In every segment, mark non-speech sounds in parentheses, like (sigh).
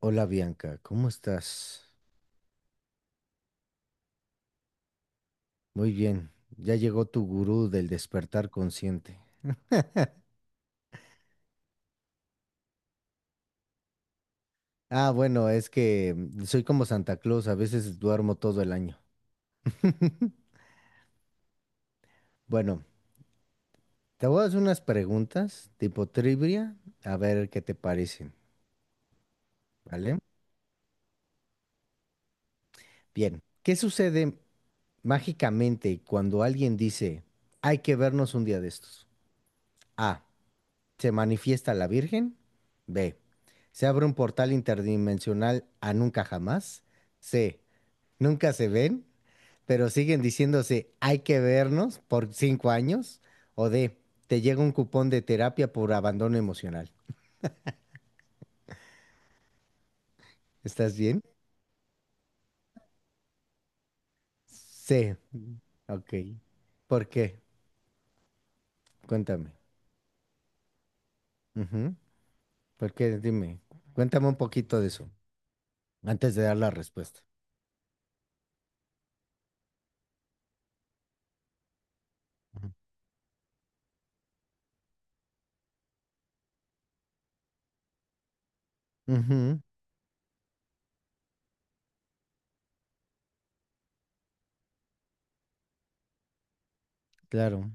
Hola Bianca, ¿cómo estás? Muy bien, ya llegó tu gurú del despertar consciente. Ah, bueno, es que soy como Santa Claus, a veces duermo todo el año. (laughs) Bueno, te voy a hacer unas preguntas tipo trivia, a ver qué te parecen, ¿vale? Bien, ¿qué sucede mágicamente cuando alguien dice, hay que vernos un día de estos? A. Se manifiesta la Virgen. B. Se abre un portal interdimensional a nunca jamás. C. Nunca se ven, pero siguen diciéndose hay que vernos por 5 años. O D. Te llega un cupón de terapia por abandono emocional. ¿Estás bien? C. Ok. ¿Por qué? Cuéntame. Ujú. ¿Por qué? Dime. Cuéntame un poquito de eso antes de dar la respuesta. Ujú. Ujú, claro.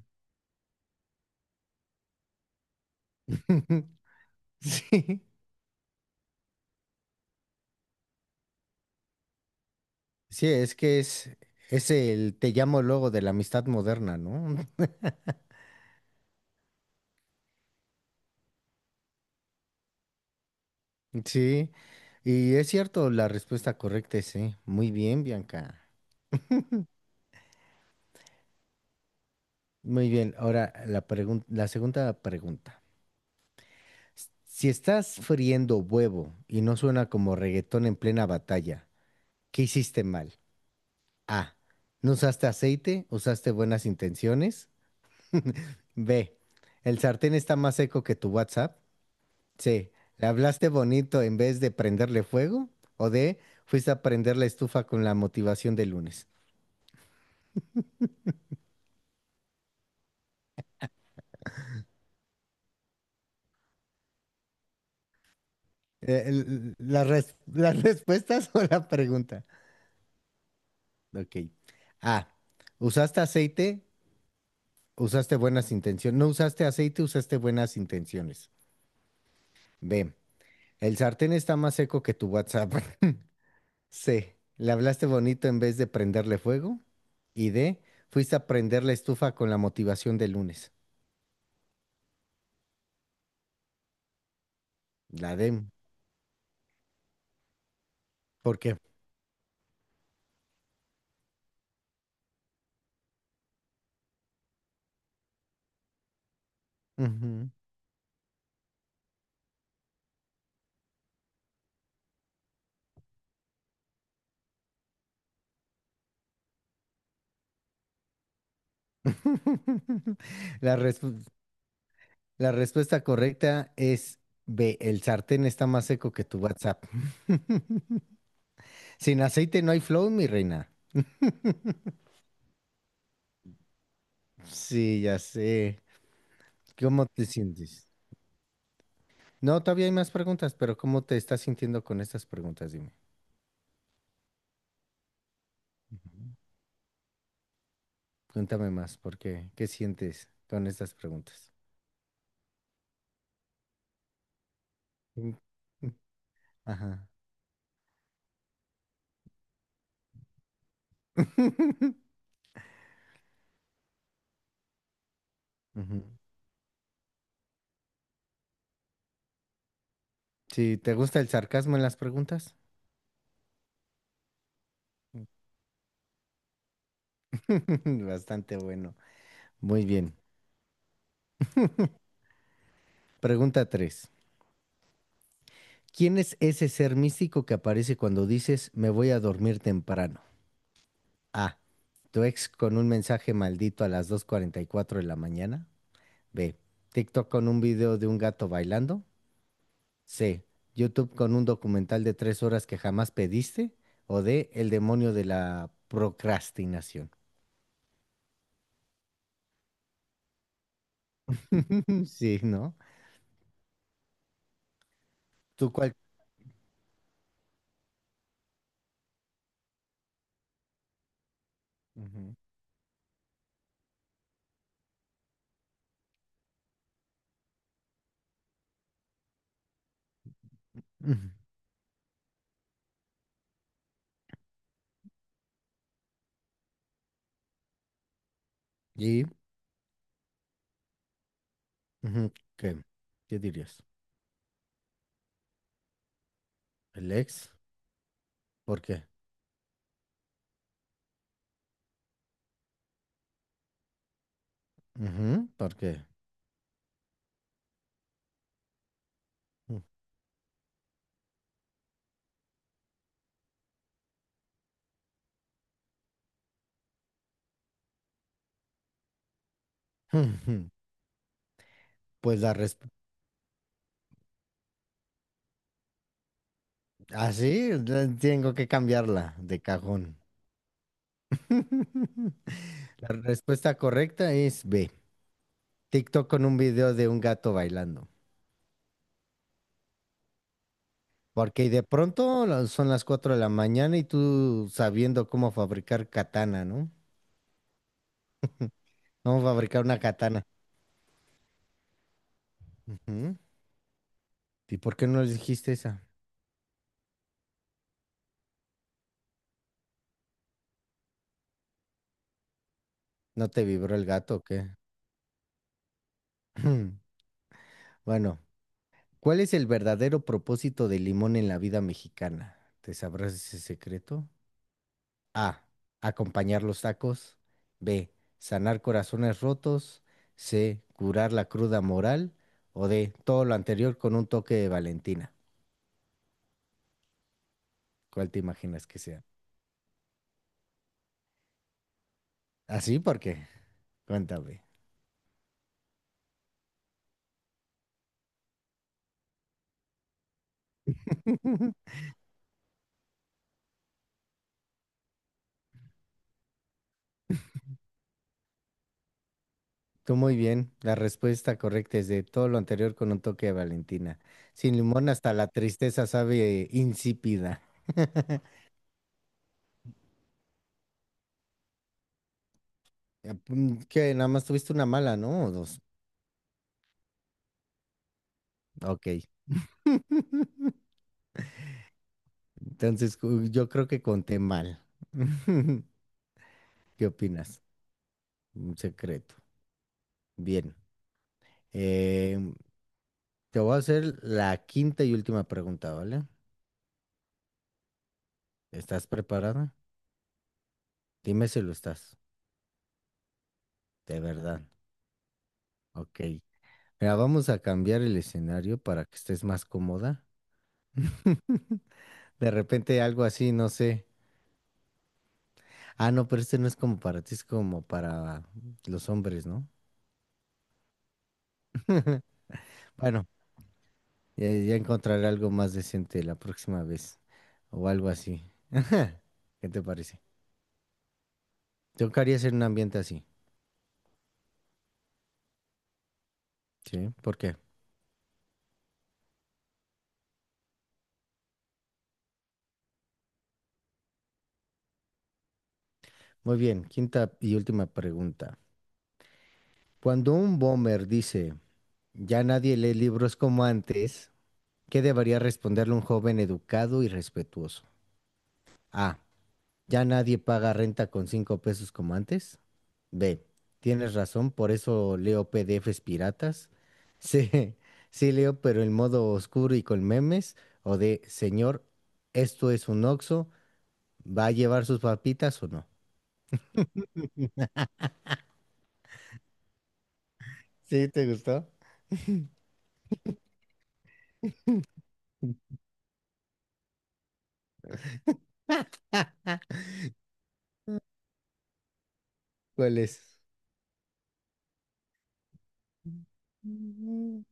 (laughs) Sí. Sí, es que es el te llamo luego de la amistad moderna, ¿no? (laughs) Sí, y es cierto, la respuesta correcta es sí. Muy bien, Bianca. Muy bien, ahora la segunda pregunta. Si estás friendo huevo y no suena como reggaetón en plena batalla, ¿qué hiciste mal? A. No usaste aceite, usaste buenas intenciones. B. El sartén está más seco que tu WhatsApp. Sí, le hablaste bonito en vez de prenderle fuego o de fuiste a prender la estufa con la motivación del lunes. (laughs) Las respuestas o la pregunta. Ok. A. Usaste aceite, usaste buenas intenciones. No usaste aceite, usaste buenas intenciones. B. El sartén está más seco que tu WhatsApp. (laughs) C. Le hablaste bonito en vez de prenderle fuego. Y D. Fuiste a prender la estufa con la motivación del lunes. La D. ¿Por qué? Ujú. (laughs) La respu- la respuesta correcta es B. El sartén está más seco que tu WhatsApp. Sin aceite no hay flow, mi reina. Sí, ya sé. ¿Cómo te sientes? No, todavía hay más preguntas, pero ¿cómo te estás sintiendo con estas preguntas? Dime. Ujú. Cuéntame más, ¿por qué? ¿Qué sientes con estas preguntas? Mm, mm, ajá. (laughs) Ujú. Sí, ¿te gusta el sarcasmo en las preguntas? (laughs) Bastante bueno. Muy bien. Pregunta tres. ¿Quién es ese ser místico que aparece cuando dices me voy a dormir temprano? A. Tu ex con un mensaje maldito a las 2:44 de la mañana. B. TikTok con un video de un gato bailando. C. YouTube con un documental de 3 horas que jamás pediste. O D. El demonio de la procrastinación. (laughs) Sí, ¿no? ¿Tú cuál? Ujú. Ujú. ¿Y ujú, qué? ¿Qué dirías? ¿El ex? ¿Por qué? Ujú, ¿por qué? Ujú. (laughs) Pues la respuesta, así tengo que cambiarla de cajón. (laughs) La respuesta correcta es B. TikTok con un video de un gato bailando. Porque de pronto son las 4 de la mañana y tú sabiendo cómo fabricar katana, ¿no? Cómo fabricar una katana. Ujú. ¿Y por qué no le dijiste esa? ¿No te vibró el gato o qué? (clears throat) (laughs) Bueno, ¿cuál es el verdadero propósito del limón en la vida mexicana? ¿Te sabrás ese secreto? A. Acompañar los tacos. B. Sanar corazones rotos. C. Curar la cruda moral. O D. Todo lo anterior con un toque de Valentina. ¿Cuál te imaginas que sea? ¿Así? ¿Por qué? Cuéntame. Tú muy bien. La respuesta correcta es de todo lo anterior con un toque de Valentina. Sin limón hasta la tristeza sabe insípida. (laughs) Que nada más tuviste una mala, ¿no? O dos. Ok. (laughs) Entonces, yo creo que conté mal. (laughs) ¿Qué opinas? Un secreto. Bien. Em, te voy a hacer la quinta y última pregunta, ¿vale? ¿Estás preparada? Dime si lo estás. De verdad. Ok. Mira, vamos a cambiar el escenario para que estés más cómoda. (laughs) De repente algo así, no sé. Ah, no, pero este no es como para ti, es como para los hombres, ¿no? Bueno, ya, ya encontraré algo más decente la próxima vez o algo así. (laughs) Ajá. ¿Qué te parece? Yo quería hacer un ambiente así, ¿sí? ¿Por qué? Muy bien, quinta y última pregunta. Cuando un bomber dice, ya nadie lee libros como antes, ¿qué debería responderle un joven educado y respetuoso? A. Ya nadie paga renta con 5 pesos como antes. B. Tienes razón, por eso leo PDFs piratas. (laughs) C. Sí leo, pero en modo oscuro y con memes. O D. Señor, esto es un oxo. ¿Va a llevar sus papitas o no? ¿Sí te gustó? (laughs) ¿Cuál es? Mm.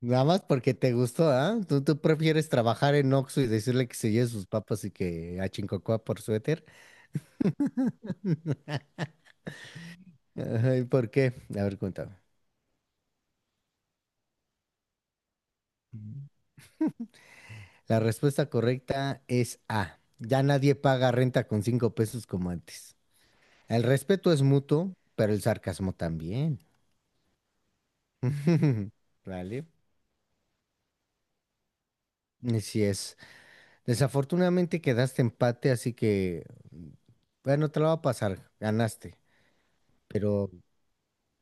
Nada más porque te gustó, ¿ah? ¿Tú, tú prefieres trabajar en Oxxo y decirle que se lleve sus papas y que a Chincocoa por suéter? Ay, ¿por qué? A ver, cuéntame. La respuesta correcta es A. Ya nadie paga renta con cinco pesos como antes. El respeto es mutuo, pero el sarcasmo también. (laughs) ¿Vale? Así es. Desafortunadamente quedaste empate, así que, bueno, te lo va a pasar. Ganaste. Pero,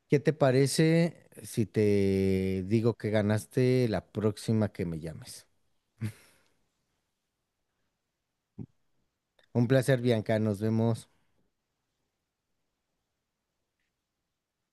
¿qué te parece si te digo que ganaste la próxima que me llames? Un placer, Bianca. Nos vemos.